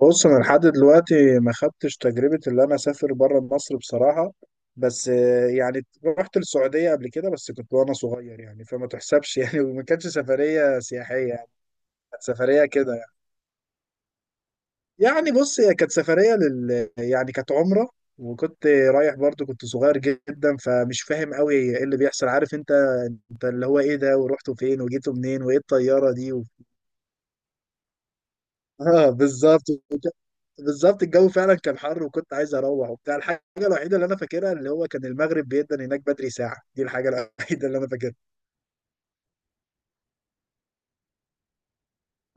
بص، انا لحد دلوقتي ما خدتش تجربه اللي انا اسافر بره مصر بصراحه. بس يعني رحت السعوديه قبل كده، بس كنت وانا صغير يعني فما تحسبش يعني وما كانتش سفريه سياحيه يعني. كانت سفريه كده يعني بص، هي كانت سفريه يعني كانت عمره. وكنت رايح برضو، كنت صغير جدا فمش فاهم قوي ايه اللي بيحصل، عارف انت، انت اللي هو ايه ده ورحتوا فين وجيتوا منين وايه الطياره دي؟ اه بالظبط، الجو فعلا كان حر وكنت عايز اروح وبتاع. الحاجه الوحيده اللي انا فاكرها اللي هو كان المغرب بيدن هناك بدري ساعه دي، الحاجه الوحيده اللي انا فاكرها.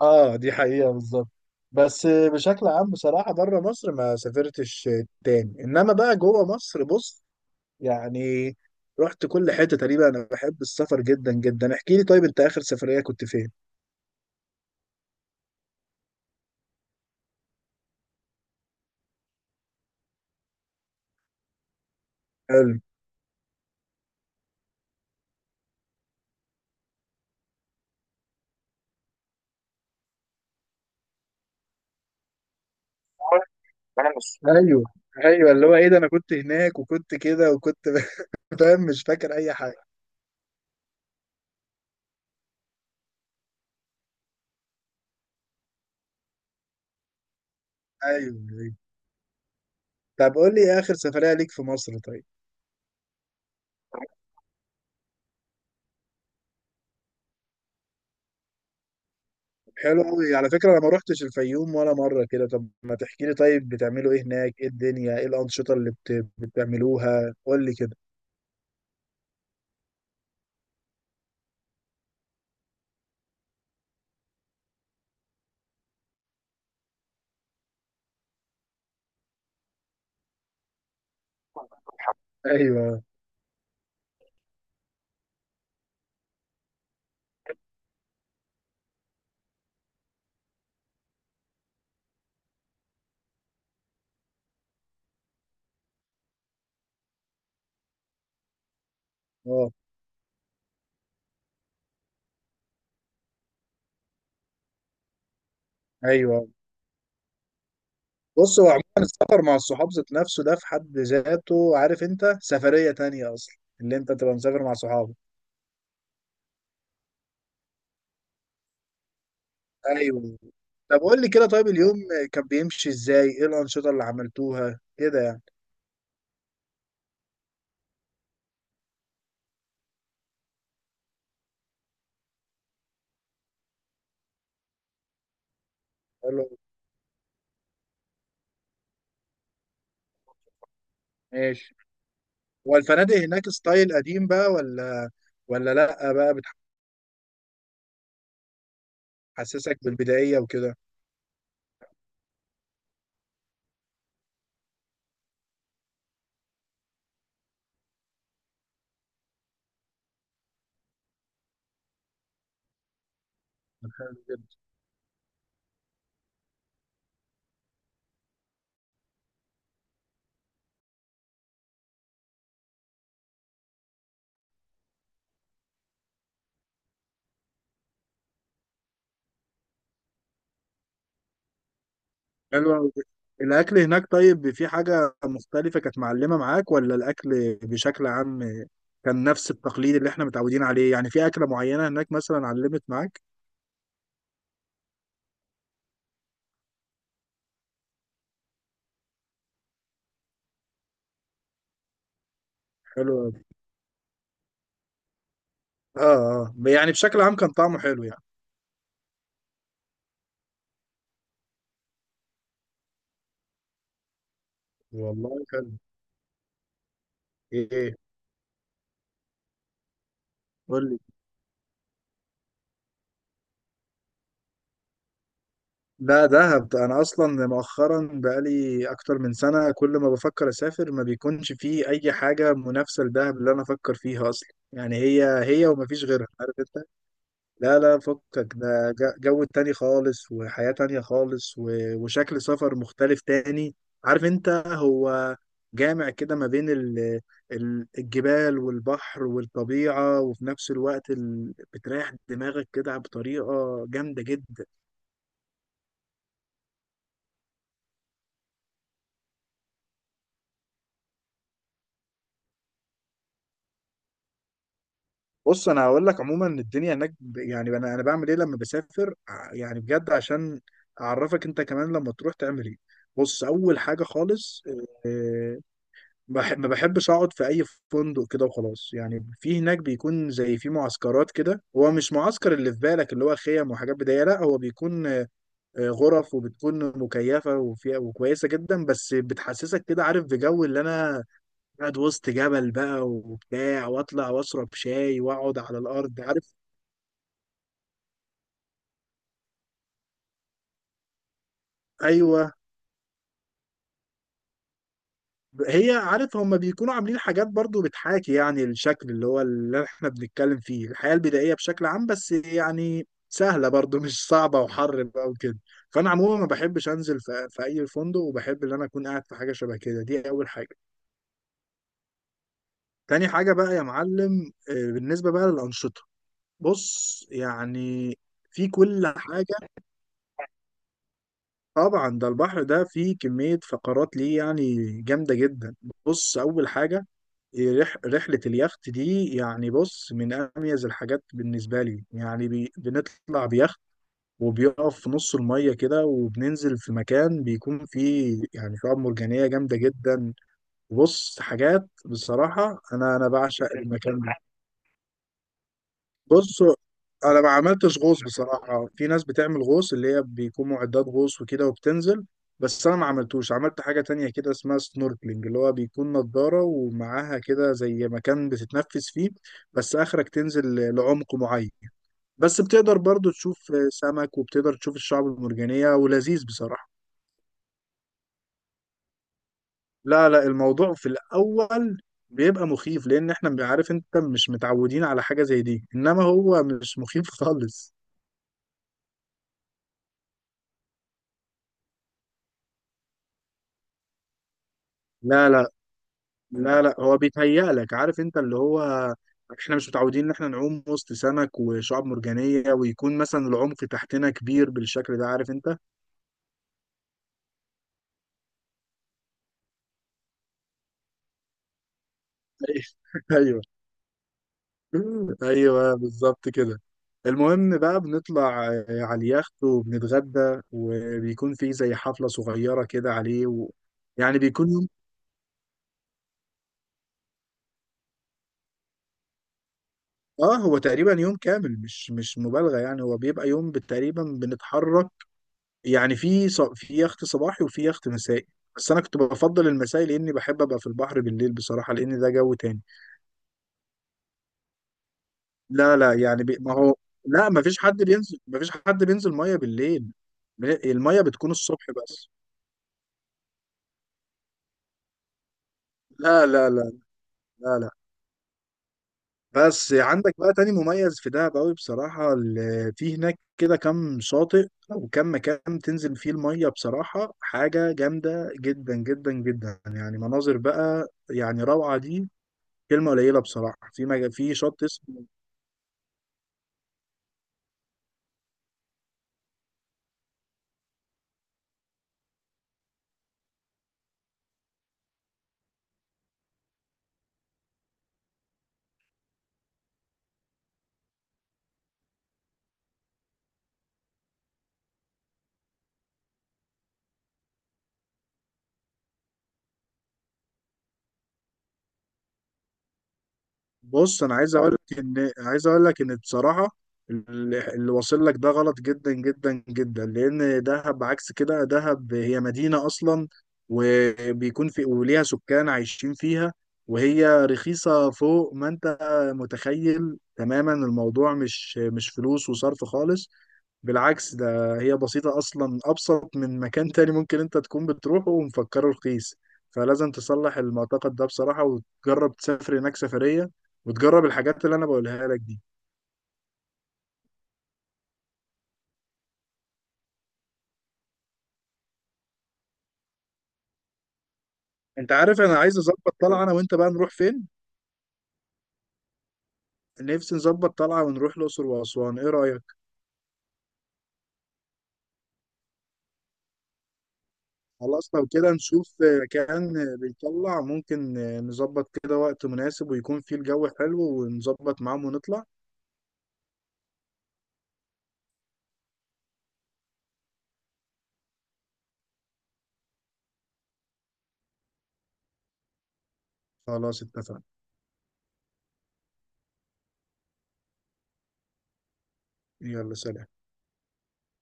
اه، دي حقيقه بالظبط. بس بشكل عام بصراحه بره مصر ما سافرتش تاني، انما بقى جوه مصر بص، يعني رحت كل حته تقريبا، انا بحب السفر جدا جدا. احكي لي، طيب انت اخر سفريه كنت فين؟ حلو. انا مش، ايوه ايوه، اللي هو ايه ده، انا كنت هناك وكنت كده وكنت فاهم، مش فاكر اي حاجه. ايوه، أيوة. طب قول لي اخر سفريه ليك في مصر طيب. حلو قوي، على فكره انا ما روحتش الفيوم ولا مره كده. طب ما تحكي لي طيب، بتعملوا ايه هناك؟ ايه الدنيا؟ ايه الانشطه اللي بتعملوها؟ قول لي كده. ايوه، اه، ايوه، بص، هو عموما السفر مع الصحاب ذات نفسه، ده في حد ذاته عارف انت سفريه تانية اصلا، اللي انت تبقى مسافر مع صحابك. ايوه. طب قول لي كده، طيب اليوم كان بيمشي ازاي؟ ايه الانشطه اللي عملتوها كده يعني؟ حلو، ماشي. والفنادق هناك ستايل قديم بقى، ولا لأ بقى؟ بتحسسك بالبدائية وكده؟ حلوة أوي. الأكل هناك طيب، في حاجة مختلفة كانت معلمة معاك ولا الأكل بشكل عام كان نفس التقليد اللي احنا متعودين عليه؟ يعني في أكلة معينة هناك مثلا علمت معاك؟ حلو أوي. اه، اه، يعني بشكل عام كان طعمه حلو يعني. والله حلو. ايه؟ قول لي. لا، دهب. انا اصلا مؤخرا بقالي اكتر من سنه، كل ما بفكر اسافر ما بيكونش فيه اي حاجه منافسه لدهب اللي انا افكر فيها اصلا. يعني هي هي ومفيش غيرها، عارف انت. لا لا، فكك ده، جو تاني خالص، وحياه تانية خالص، وشكل سفر مختلف تاني، عارف انت. هو جامع كده ما بين الجبال والبحر والطبيعه، وفي نفس الوقت بتريح دماغك كده بطريقه جامده جدا. بص، انا هقول لك عموما الدنيا هناك، يعني انا بعمل ايه لما بسافر، يعني بجد عشان اعرفك انت كمان لما تروح تعمل ايه. بص، اول حاجه خالص، آه، ما بحبش اقعد في اي فندق كده وخلاص. يعني في هناك بيكون زي في معسكرات كده، هو مش معسكر اللي في بالك اللي هو خيم وحاجات بدائيه، لا، هو بيكون غرف وبتكون مكيفه وفيها وكويسه جدا، بس بتحسسك كده عارف بجو اللي انا قاعد وسط جبل بقى وبتاع، واطلع واشرب شاي واقعد على الارض عارف. ايوه. هي عارف، هم بيكونوا عاملين حاجات برضو بتحاكي يعني الشكل اللي هو اللي احنا بنتكلم فيه، الحياة البدائية بشكل عام، بس يعني سهلة برضو مش صعبة، وحر بقى وكده. فانا عموما ما بحبش انزل في اي فندق، وبحب ان انا اكون قاعد في حاجة شبه كده. دي اول حاجة. تاني حاجة بقى يا معلم، بالنسبة بقى للأنشطة، بص، يعني في كل حاجة. طبعا ده البحر ده فيه كمية فقرات ليه يعني جامدة جدا. بص، أول حاجة، إيه، رحلة اليخت دي يعني. بص، من أميز الحاجات بالنسبة لي يعني، بنطلع بيخت وبيقف في نص المية كده، وبننزل في مكان بيكون فيه يعني شعاب مرجانية جامدة جدا. بص حاجات، بصراحة أنا بعشق المكان ده. بص، انا ما عملتش غوص بصراحه. في ناس بتعمل غوص، اللي هي بيكون معدات غوص وكده وبتنزل، بس انا ما عملتوش. عملت حاجه تانية كده اسمها سنوركلينج، اللي هو بيكون نضاره ومعاها كده زي مكان بتتنفس فيه، بس اخرك تنزل لعمق معين، بس بتقدر برضو تشوف سمك وبتقدر تشوف الشعب المرجانيه، ولذيذ بصراحه. لا لا، الموضوع في الاول بيبقى مخيف لان احنا عارف انت مش متعودين على حاجه زي دي، انما هو مش مخيف خالص. لا لا لا لا، هو بيتهيأ لك، عارف انت، اللي هو احنا مش متعودين ان احنا نعوم وسط سمك وشعاب مرجانية، ويكون مثلا العمق تحتنا كبير بالشكل ده عارف انت. ايوه، ايوه، بالظبط كده. المهم بقى بنطلع على اليخت، وبنتغدى وبيكون في زي حفلة صغيرة كده عليه. يعني بيكون يوم، اه هو تقريبا يوم كامل، مش مبالغة، يعني هو بيبقى يوم تقريبا بنتحرك. يعني في في يخت صباحي وفي يخت مسائي، بس انا كنت بفضل المسائي لاني بحب ابقى في البحر بالليل بصراحه، لان ده جو تاني. لا لا، يعني ما هو، لا، ما فيش حد بينزل ميه بالليل، الميه بتكون الصبح بس. لا لا لا لا لا. بس عندك بقى تاني مميز في دهب قوي بصراحة. في هناك كده كام شاطئ وكم مكان تنزل فيه المية، بصراحة حاجة جامدة جدا جدا جدا يعني، مناظر بقى يعني روعة دي، كلمه قليله بصراحه. في في شط اسمه. بص، انا عايز اقول لك ان، بصراحه اللي واصل لك ده غلط جدا جدا جدا، لان دهب عكس كده. دهب هي مدينه اصلا، وبيكون في وليها سكان عايشين فيها، وهي رخيصه فوق ما انت متخيل تماما. الموضوع مش فلوس وصرف خالص. بالعكس، ده هي بسيطة أصلا، أبسط من مكان تاني ممكن أنت تكون بتروحه ومفكره رخيص. فلازم تصلح المعتقد ده بصراحة، وتجرب تسافر هناك سفرية وتجرب الحاجات اللي أنا بقولها لك دي. أنت عارف، أنا عايز أظبط طلعة أنا وأنت بقى نروح فين؟ نفسي نظبط طلعة ونروح الأقصر وأسوان، إيه رأيك؟ خلاص، لو كده نشوف مكان بيطلع، ممكن نظبط كده وقت مناسب ويكون فيه الجو حلو ونظبط معاهم ونطلع. خلاص اتفقنا. يلا سلام.